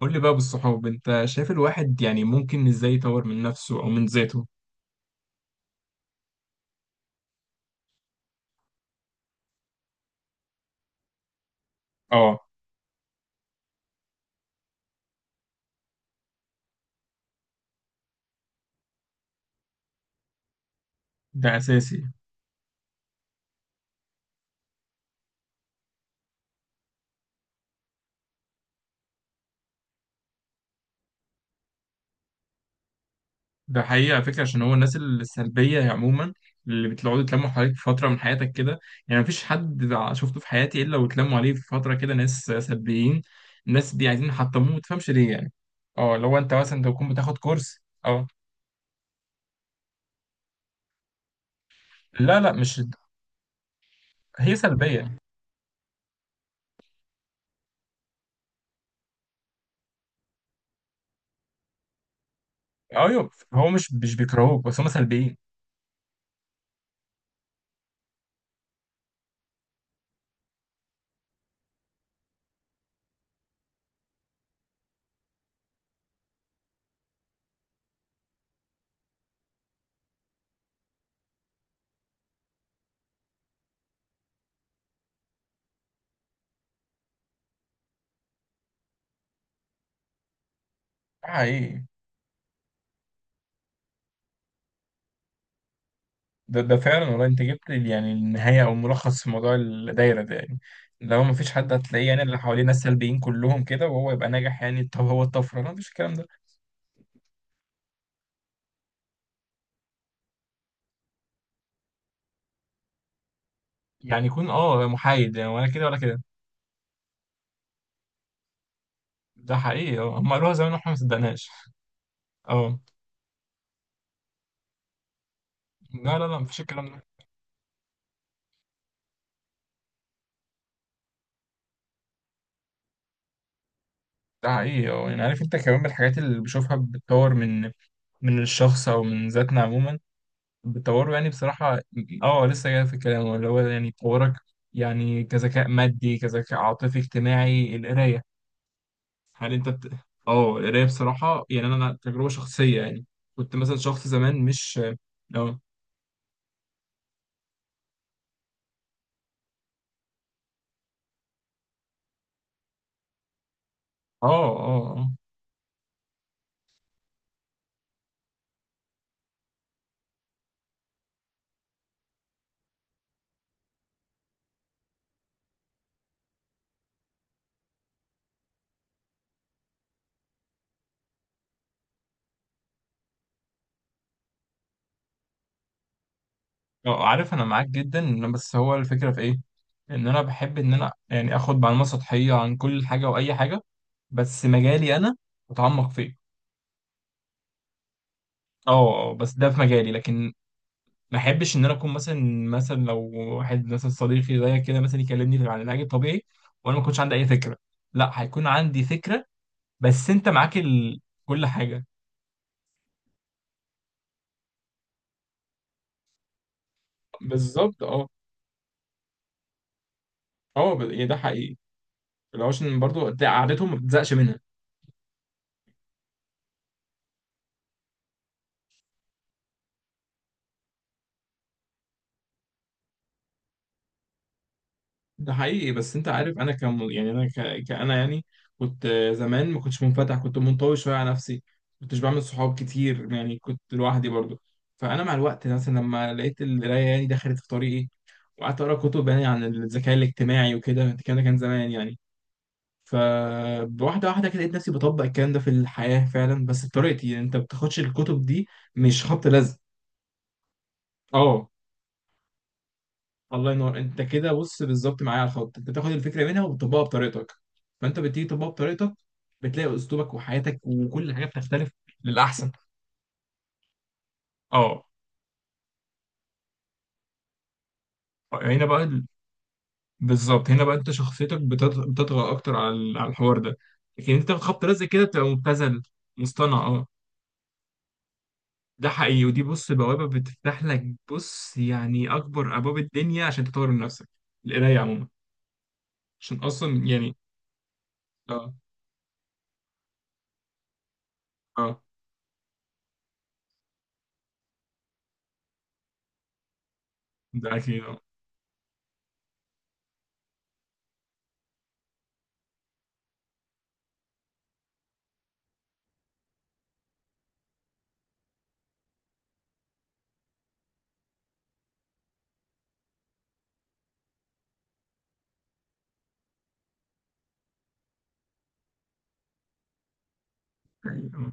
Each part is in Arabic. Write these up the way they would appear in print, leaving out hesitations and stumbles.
قول لي بقى بالصحاب، انت شايف الواحد يعني ممكن ازاي يطور من نفسه او من ذاته؟ اه. ده اساسي. ده حقيقة على فكرة، عشان هو الناس السلبية عموما اللي بتقعدوا يتلموا حواليك في فترة من حياتك كده، يعني مفيش حد شفته في حياتي الا واتلموا عليه في فترة كده ناس سلبيين. الناس دي عايزين يحطموه، ما تفهمش ليه يعني. اه، لو انت مثلا انت تكون بتاخد كورس. اه، لا، لا، مش. هي سلبية. ايوه، هو مش بيكرهوك بس هم سلبيين. ده حقيقي. ده فعلا والله، انت جبت يعني النهايه او الملخص في موضوع الدايره ده يعني. لو ما فيش حد هتلاقيه، يعني اللي حواليه ناس سلبيين كلهم كده وهو يبقى ناجح، يعني طب هو الطفره؟ لا، مفيش الكلام ده. يعني يكون محايد يعني، ولا كده ولا كده. ده حقيقي. اه، هم قالوها زمان واحنا ما صدقناش. اه، لا، لا، لا، مفيش الكلام ده. ده حقيقي. اه، يعني عارف انت كمان من الحاجات اللي بشوفها بتطور من الشخص او من ذاتنا عموما، بتطوره يعني بصراحة. اه لسه جاي في الكلام، اللي هو يعني تطورك، يعني كذكاء مادي، كذكاء عاطفي، اجتماعي، القراية. هل انت اه، القراية بصراحة يعني انا تجربة شخصية يعني، كنت مثلا شخص زمان مش. اه، اه، اه، اه. عارف انا معاك جدا بس هو الفكرة في ايه؟ ان انا بحب ان انا يعني اخد معلومات سطحية عن كل حاجة واي حاجة، بس مجالي انا اتعمق فيه. اه. آه، بس ده في مجالي، لكن ما احبش ان انا اكون مثلا لو واحد مثلا صديقي زي كده مثلا يكلمني عن العلاج الطبيعي وانا ما كنتش عندي اي فكره، لا، هيكون عندي فكره. بس انت معاك كل حاجه. بالظبط. اه، يعني ده حقيقي، لو عشان برضو قعدتهم ما بتزهقش منها. ده حقيقي، بس انت عارف انا كم، يعني انا كأنا يعني كنت، زمان ما كنتش منفتح، كنت منطوي شويه على نفسي، كنتش بعمل صحاب كتير، يعني كنت لوحدي برضو. فانا مع الوقت مثلا لما لقيت القرايه يعني دخلت في طريقي، وقعدت اقرا كتب يعني عن الذكاء الاجتماعي وكده، الكلام ده كان زمان يعني. فواحده واحده كده لقيت نفسي بطبق الكلام ده في الحياه فعلا، بس بطريقتي. يعني انت ما بتاخدش الكتب دي مش خبط لزق. اه. الله ينور، انت كده بص بالظبط معايا على الخط، انت بتاخد الفكره منها وبتطبقها بطريقتك. فانت بتيجي تطبقها بطريقتك، بتلاقي اسلوبك وحياتك وكل حاجه بتختلف للاحسن. اه. هنا بقى بالظبط، هنا بقى انت شخصيتك بتطغى اكتر على على الحوار ده. لكن انت في خبط رزق كده بتبقى مبتذل مصطنع. اه. ده حقيقي، ودي بص بوابه بتفتح لك، بص يعني اكبر ابواب الدنيا عشان تطور من نفسك، القرايه عموما، عشان اصلا يعني. اه، اه. ده اكيد. اه، أيوه.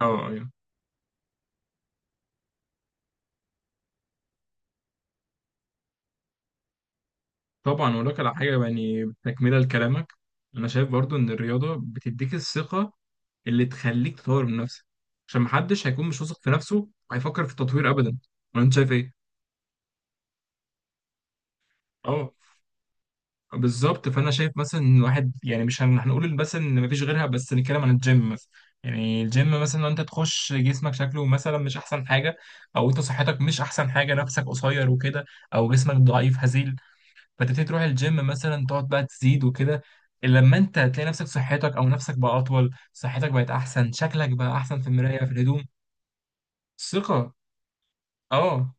اه، آه، أيوه. طبعا، اقول لك على حاجه يعني تكمله لكلامك. انا شايف برضو ان الرياضه بتديك الثقه اللي تخليك تطور من نفسك، عشان محدش هيكون مش واثق في نفسه وهيفكر في التطوير ابدا. ولا انت شايف ايه؟ اه، بالظبط. فانا شايف مثلا ان الواحد، يعني مش هنقول مثلا ان مفيش غيرها، بس نتكلم عن الجيم مثلا. يعني الجيم مثلا، لو انت تخش جسمك شكله مثلا مش احسن حاجه، او انت صحتك مش احسن حاجه، نفسك قصير وكده، او جسمك ضعيف هزيل، فتبتدي تروح الجيم مثلا، تقعد بقى تزيد وكده، إلا لما انت هتلاقي نفسك صحتك او نفسك بقى اطول، صحتك بقت احسن، شكلك بقى احسن في المراية في الهدوم. ثقة. اه.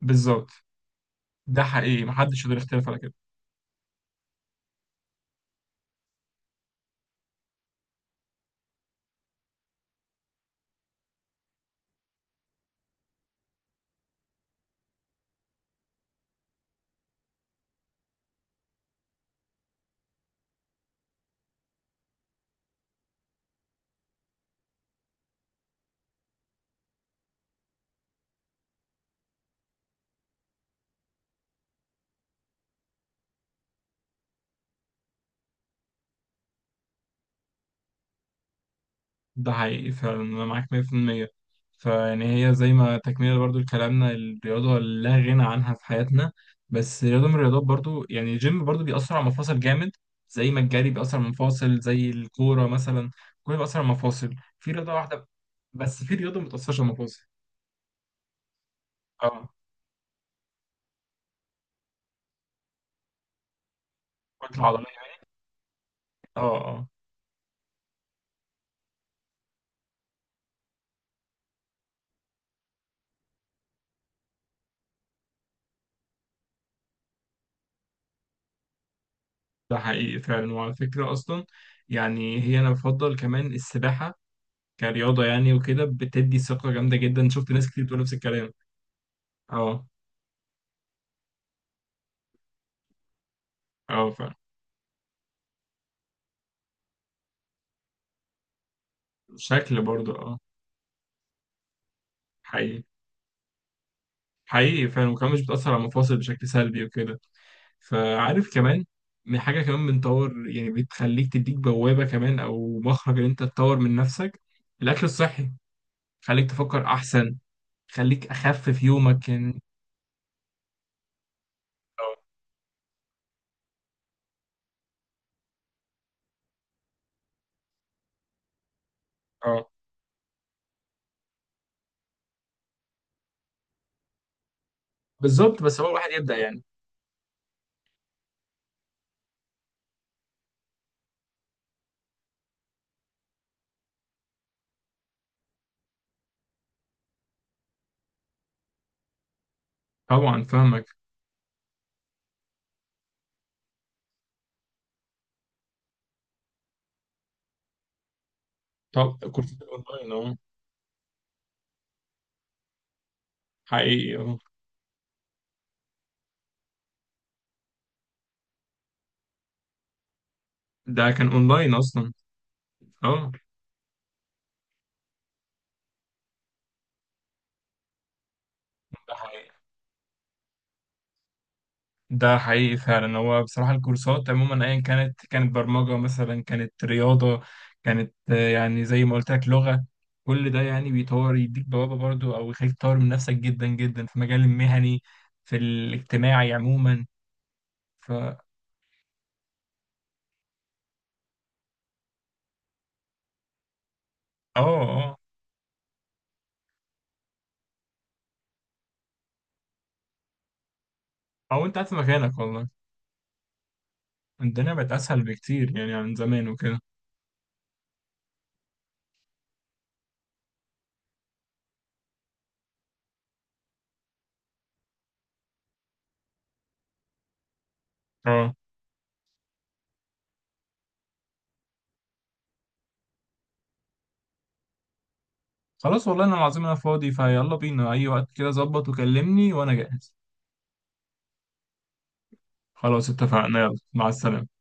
بالظبط. ده حقيقي، محدش يقدر يختلف على كده. ده حقيقي فعلا، أنا معاك 100%. فيعني هي زي ما تكملة برضو لكلامنا، الرياضة لا غنى عنها في حياتنا، بس رياضة من الرياضات. برضو يعني الجيم برضو بيأثر على المفاصل جامد، زي ما الجري بيأثر على المفاصل، زي الكورة مثلا، كله بيأثر على المفاصل. في رياضة واحدة، بس في رياضة ما بتأثرش على المفاصل. اه. الكتلة العضلية. اه، اه. ده حقيقي فعلا، وعلى فكرة أصلا، يعني هي أنا بفضل كمان السباحة كرياضة يعني، وكده بتدي ثقة جامدة جدا، شفت ناس كتير بتقول نفس الكلام. اه. اه، فعلا. شكل برضه. اه. حقيقي. حقيقي فعلا، وكمان مش بتأثر على المفاصل بشكل سلبي وكده. فعارف كمان من حاجة كمان بنطور، يعني بتخليك تديك بوابة كمان أو مخرج إن أنت تطور من نفسك: الأكل الصحي. خليك تفكر أحسن، خليك أخفف يومك يعني. اه. اه، بالظبط، بس هو الواحد يبدأ يعني. طبعا فاهمك. طب كورسات الأونلاين. اه. حقيقي. اه. ده كان أونلاين أصلا. اه. ده حقيقي. ده حقيقي فعلا، هو بصراحة الكورسات عموما أيا كانت برمجة مثلا، كانت رياضة، كانت يعني زي ما قلت لك لغة، كل ده يعني بيطور، يديك بوابة برضو أو يخليك تطور من نفسك جدا جدا في مجال المهني، في الاجتماعي عموما. فا آه، آه. أو أنت قاعد في مكانك والله. الدنيا بقت أسهل بكتير يعني عن زمان وكده. آه. خلاص والله، أنا العظيم، أنا فاضي، فيلا بينا أي وقت كده ظبط وكلمني وأنا جاهز. خلاص اتفقنا، يلا، مع السلامة.